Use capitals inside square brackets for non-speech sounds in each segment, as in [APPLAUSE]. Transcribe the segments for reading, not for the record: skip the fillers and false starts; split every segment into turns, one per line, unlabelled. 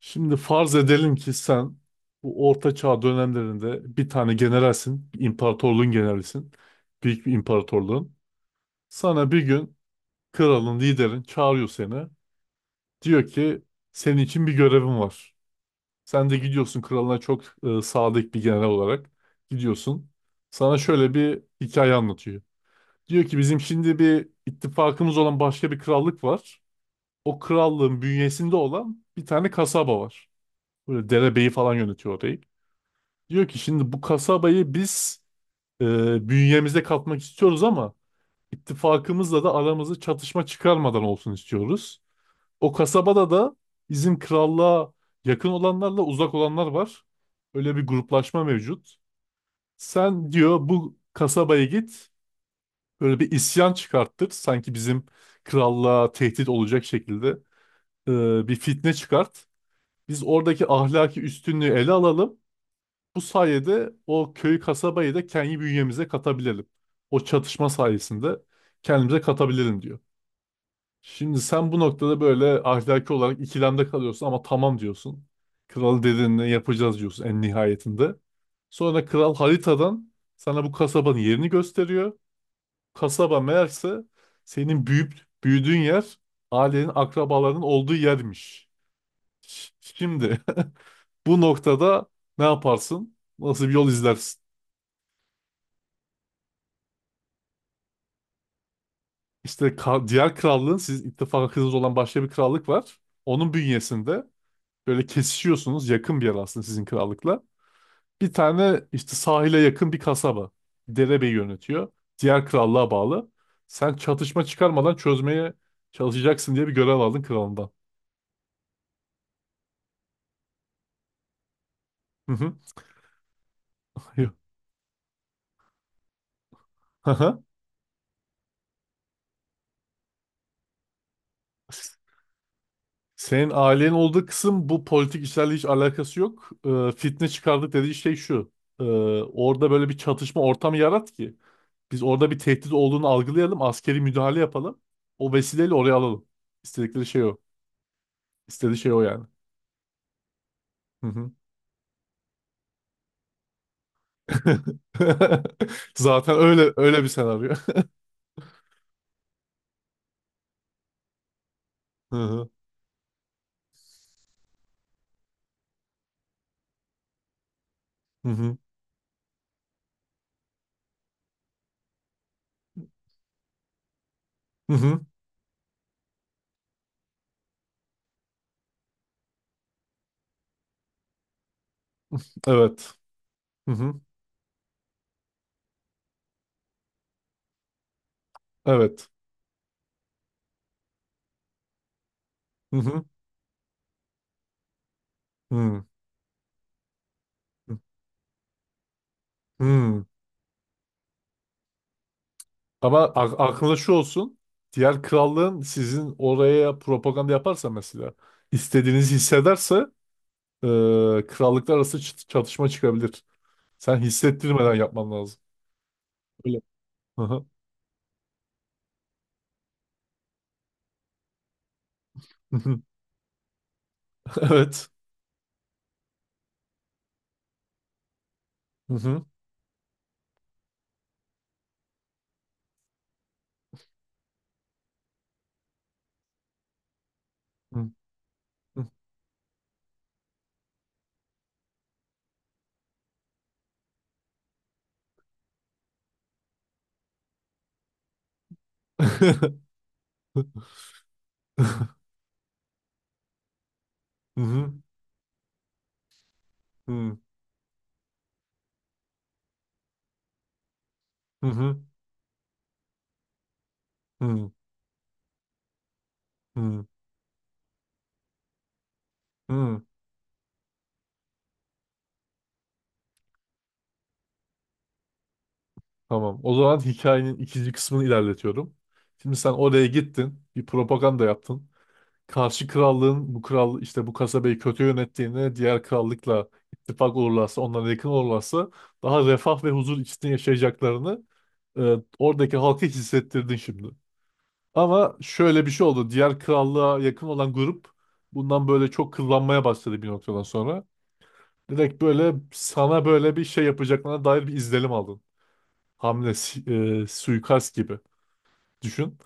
Şimdi farz edelim ki sen bu Orta Çağ dönemlerinde bir tane generalsin, bir imparatorluğun generalisin, büyük bir imparatorluğun. Sana bir gün kralın, liderin çağırıyor seni. Diyor ki senin için bir görevim var. Sen de gidiyorsun kralına çok sadık bir general olarak gidiyorsun. Sana şöyle bir hikaye anlatıyor. Diyor ki bizim şimdi bir ittifakımız olan başka bir krallık var. O krallığın bünyesinde olan bir tane kasaba var. Böyle derebeyi falan yönetiyor orayı. Diyor ki şimdi bu kasabayı biz bünyemizde katmak istiyoruz ama ittifakımızla da aramızda çatışma çıkarmadan olsun istiyoruz. O kasabada da bizim krallığa yakın olanlarla uzak olanlar var. Öyle bir gruplaşma mevcut. Sen diyor bu kasabaya git, böyle bir isyan çıkarttır. Sanki bizim krallığa tehdit olacak şekilde bir fitne çıkart. Biz oradaki ahlaki üstünlüğü ele alalım. Bu sayede o köy kasabayı da kendi bünyemize katabilelim. O çatışma sayesinde kendimize katabilelim diyor. Şimdi sen bu noktada böyle ahlaki olarak ikilemde kalıyorsun ama tamam diyorsun. Kral dediğini yapacağız diyorsun en nihayetinde. Sonra kral haritadan sana bu kasabanın yerini gösteriyor. Kasaba meğerse senin büyüyüp büyüdüğün yer, ailenin akrabalarının olduğu yermiş. Şimdi [LAUGHS] bu noktada ne yaparsın? Nasıl bir yol izlersin? İşte diğer krallığın sizin ittifakınız olan başka bir krallık var. Onun bünyesinde böyle kesişiyorsunuz, yakın bir yer aslında sizin krallıkla. Bir tane işte sahile yakın bir kasaba. Derebeyi yönetiyor. Diğer krallığa bağlı. Sen çatışma çıkarmadan çözmeye çalışacaksın diye bir görev aldın kralından. Hı hı. Yo. Hı hı. Senin ailenin olduğu kısım bu politik işlerle hiç alakası yok. Fitne çıkardık dediği şey şu. Ee, Orada böyle bir çatışma ortamı yarat ki. Biz orada bir tehdit olduğunu algılayalım. Askeri müdahale yapalım. O vesileyle oraya alalım. İstedikleri şey o. İstediği şey o yani. Hı hı. [LAUGHS] Zaten öyle öyle bir senaryo. [LAUGHS] Hı hı. Hı hı. Hı hı. Evet. Hı hı. Evet. Hı hı. Hı. Hı. Ama aklında şu olsun. Diğer krallığın sizin oraya propaganda yaparsa mesela, istediğinizi hissederse, e, krallıklar arası çatışma çıkabilir. Sen hissettirmeden yapman lazım. Öyle. Hı hı. [LAUGHS] Evet. Hı hı. Hı hı. [LAUGHS] Hı hı. Hı hı. Hı hı. Hı hı. Tamam. O zaman hikayenin ikinci kısmını ilerletiyorum. Şimdi sen oraya gittin, bir propaganda yaptın. Karşı krallığın bu kral işte bu kasabayı kötü yönettiğini, diğer krallıkla ittifak olurlarsa, onlara yakın olurlarsa daha refah ve huzur içinde yaşayacaklarını oradaki halka hissettirdin şimdi. Ama şöyle bir şey oldu. Diğer krallığa yakın olan grup bundan böyle çok kıllanmaya başladı bir noktadan sonra. Direkt böyle sana böyle bir şey yapacaklarına dair bir izlenim aldın. Hamle, suikast gibi düşün.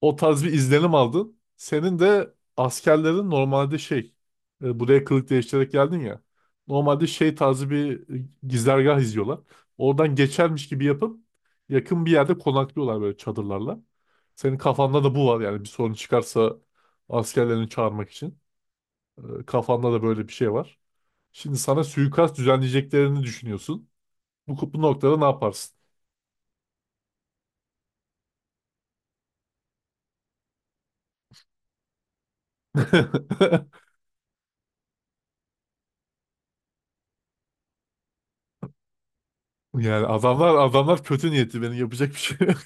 O tarz bir izlenim aldın. Senin de askerlerin normalde şey, buraya kılık değiştirerek geldin ya. Normalde şey tarzı bir gizlergah izliyorlar. Oradan geçermiş gibi yapıp yakın bir yerde konaklıyorlar böyle çadırlarla. Senin kafanda da bu var yani bir sorun çıkarsa askerlerini çağırmak için. Kafanda da böyle bir şey var. Şimdi sana suikast düzenleyeceklerini düşünüyorsun. Bu noktada ne yaparsın? [LAUGHS] Yani adamlar kötü niyetli, benim yapacak bir şey yok.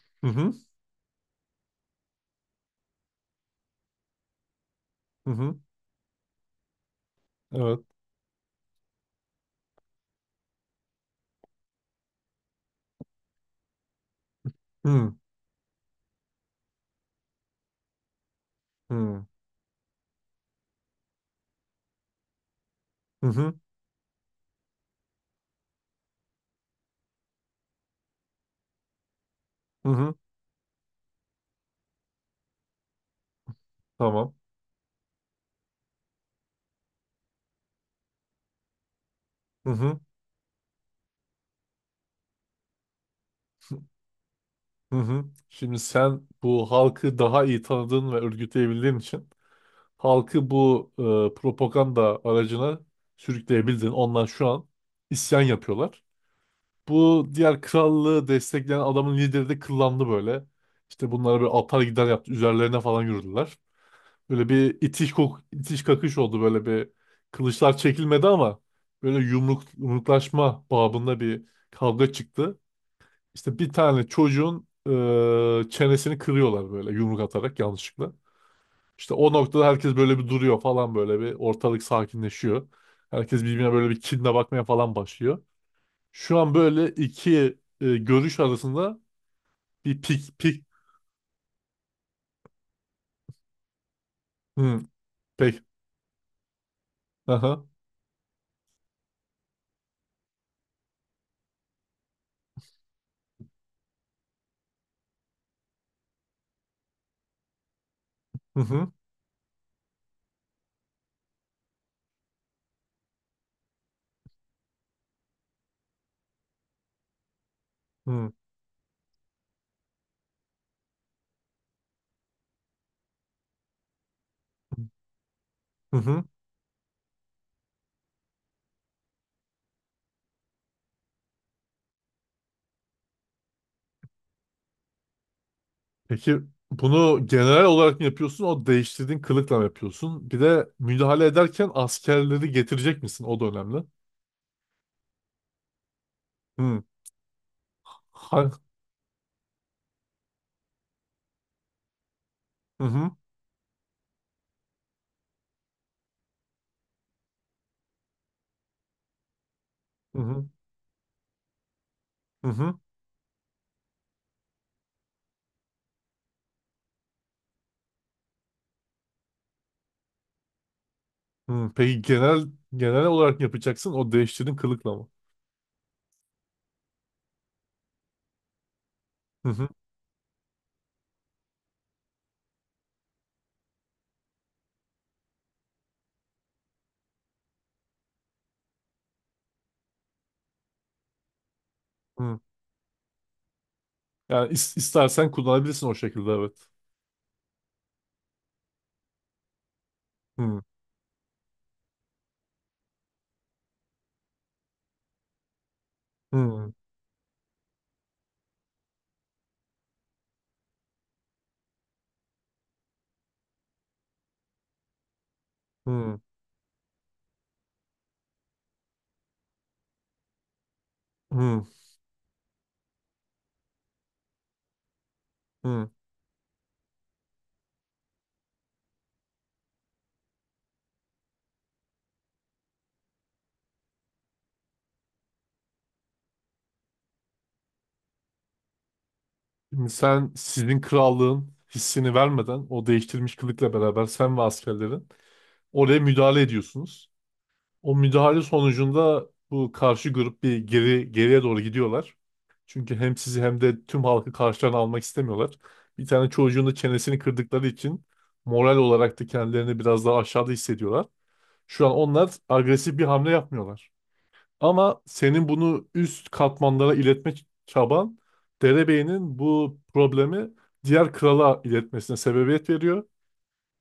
[LAUGHS] Hı hı. Hı hı. Evet. Hı hı. Hı hı. Hı hı. Tamam. Hı hı. Hı hı. Şimdi sen bu halkı daha iyi tanıdığın ve örgütleyebildiğin için halkı bu propaganda aracına sürükleyebildin. Onlar şu an isyan yapıyorlar. Bu diğer krallığı destekleyen adamın lideri de kıllandı böyle. İşte bunlara bir atar gider yaptı. Üzerlerine falan yürüdüler. Böyle bir itiş kakış oldu, böyle bir, kılıçlar çekilmedi ama böyle yumruk, yumruklaşma babında bir kavga çıktı. İşte bir tane çocuğun çenesini kırıyorlar böyle yumruk atarak yanlışlıkla. İşte o noktada herkes böyle bir duruyor falan, böyle bir ortalık sakinleşiyor. Herkes birbirine böyle bir kinle bakmaya falan başlıyor. Şu an böyle iki görüş arasında bir pik. Hı, pek, aha. Hı hı. Hı hı. Peki bunu genel olarak mı yapıyorsun? O değiştirdiğin kılıkla mı yapıyorsun? Bir de müdahale ederken askerleri getirecek misin? O da önemli. Hı. Ha- Hı hı. Hı hı. Hı hı. Hı. Peki genel olarak mı yapacaksın? O değiştirdiğin kılıkla mı? Hı hı. Hı. Yani istersen kullanabilirsin o şekilde, evet. Hı. Hı. Hı. Hı. Hı. Şimdi sen sizin krallığın hissini vermeden o değiştirilmiş kılıkla beraber sen ve askerlerin oraya müdahale ediyorsunuz. O müdahale sonucunda bu karşı grup bir geri, geriye doğru gidiyorlar. Çünkü hem sizi hem de tüm halkı karşılarına almak istemiyorlar. Bir tane çocuğun da çenesini kırdıkları için moral olarak da kendilerini biraz daha aşağıda hissediyorlar. Şu an onlar agresif bir hamle yapmıyorlar. Ama senin bunu üst katmanlara iletme çaban, derebeyinin bu problemi diğer krala iletmesine sebebiyet veriyor.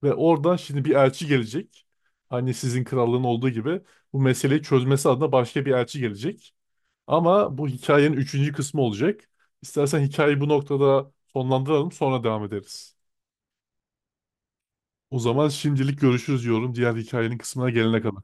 Ve oradan şimdi bir elçi gelecek. Hani sizin krallığın olduğu gibi, bu meseleyi çözmesi adına başka bir elçi gelecek. Ama bu hikayenin üçüncü kısmı olacak. İstersen hikayeyi bu noktada sonlandıralım, sonra devam ederiz. O zaman şimdilik görüşürüz diyorum, diğer hikayenin kısmına gelene kadar.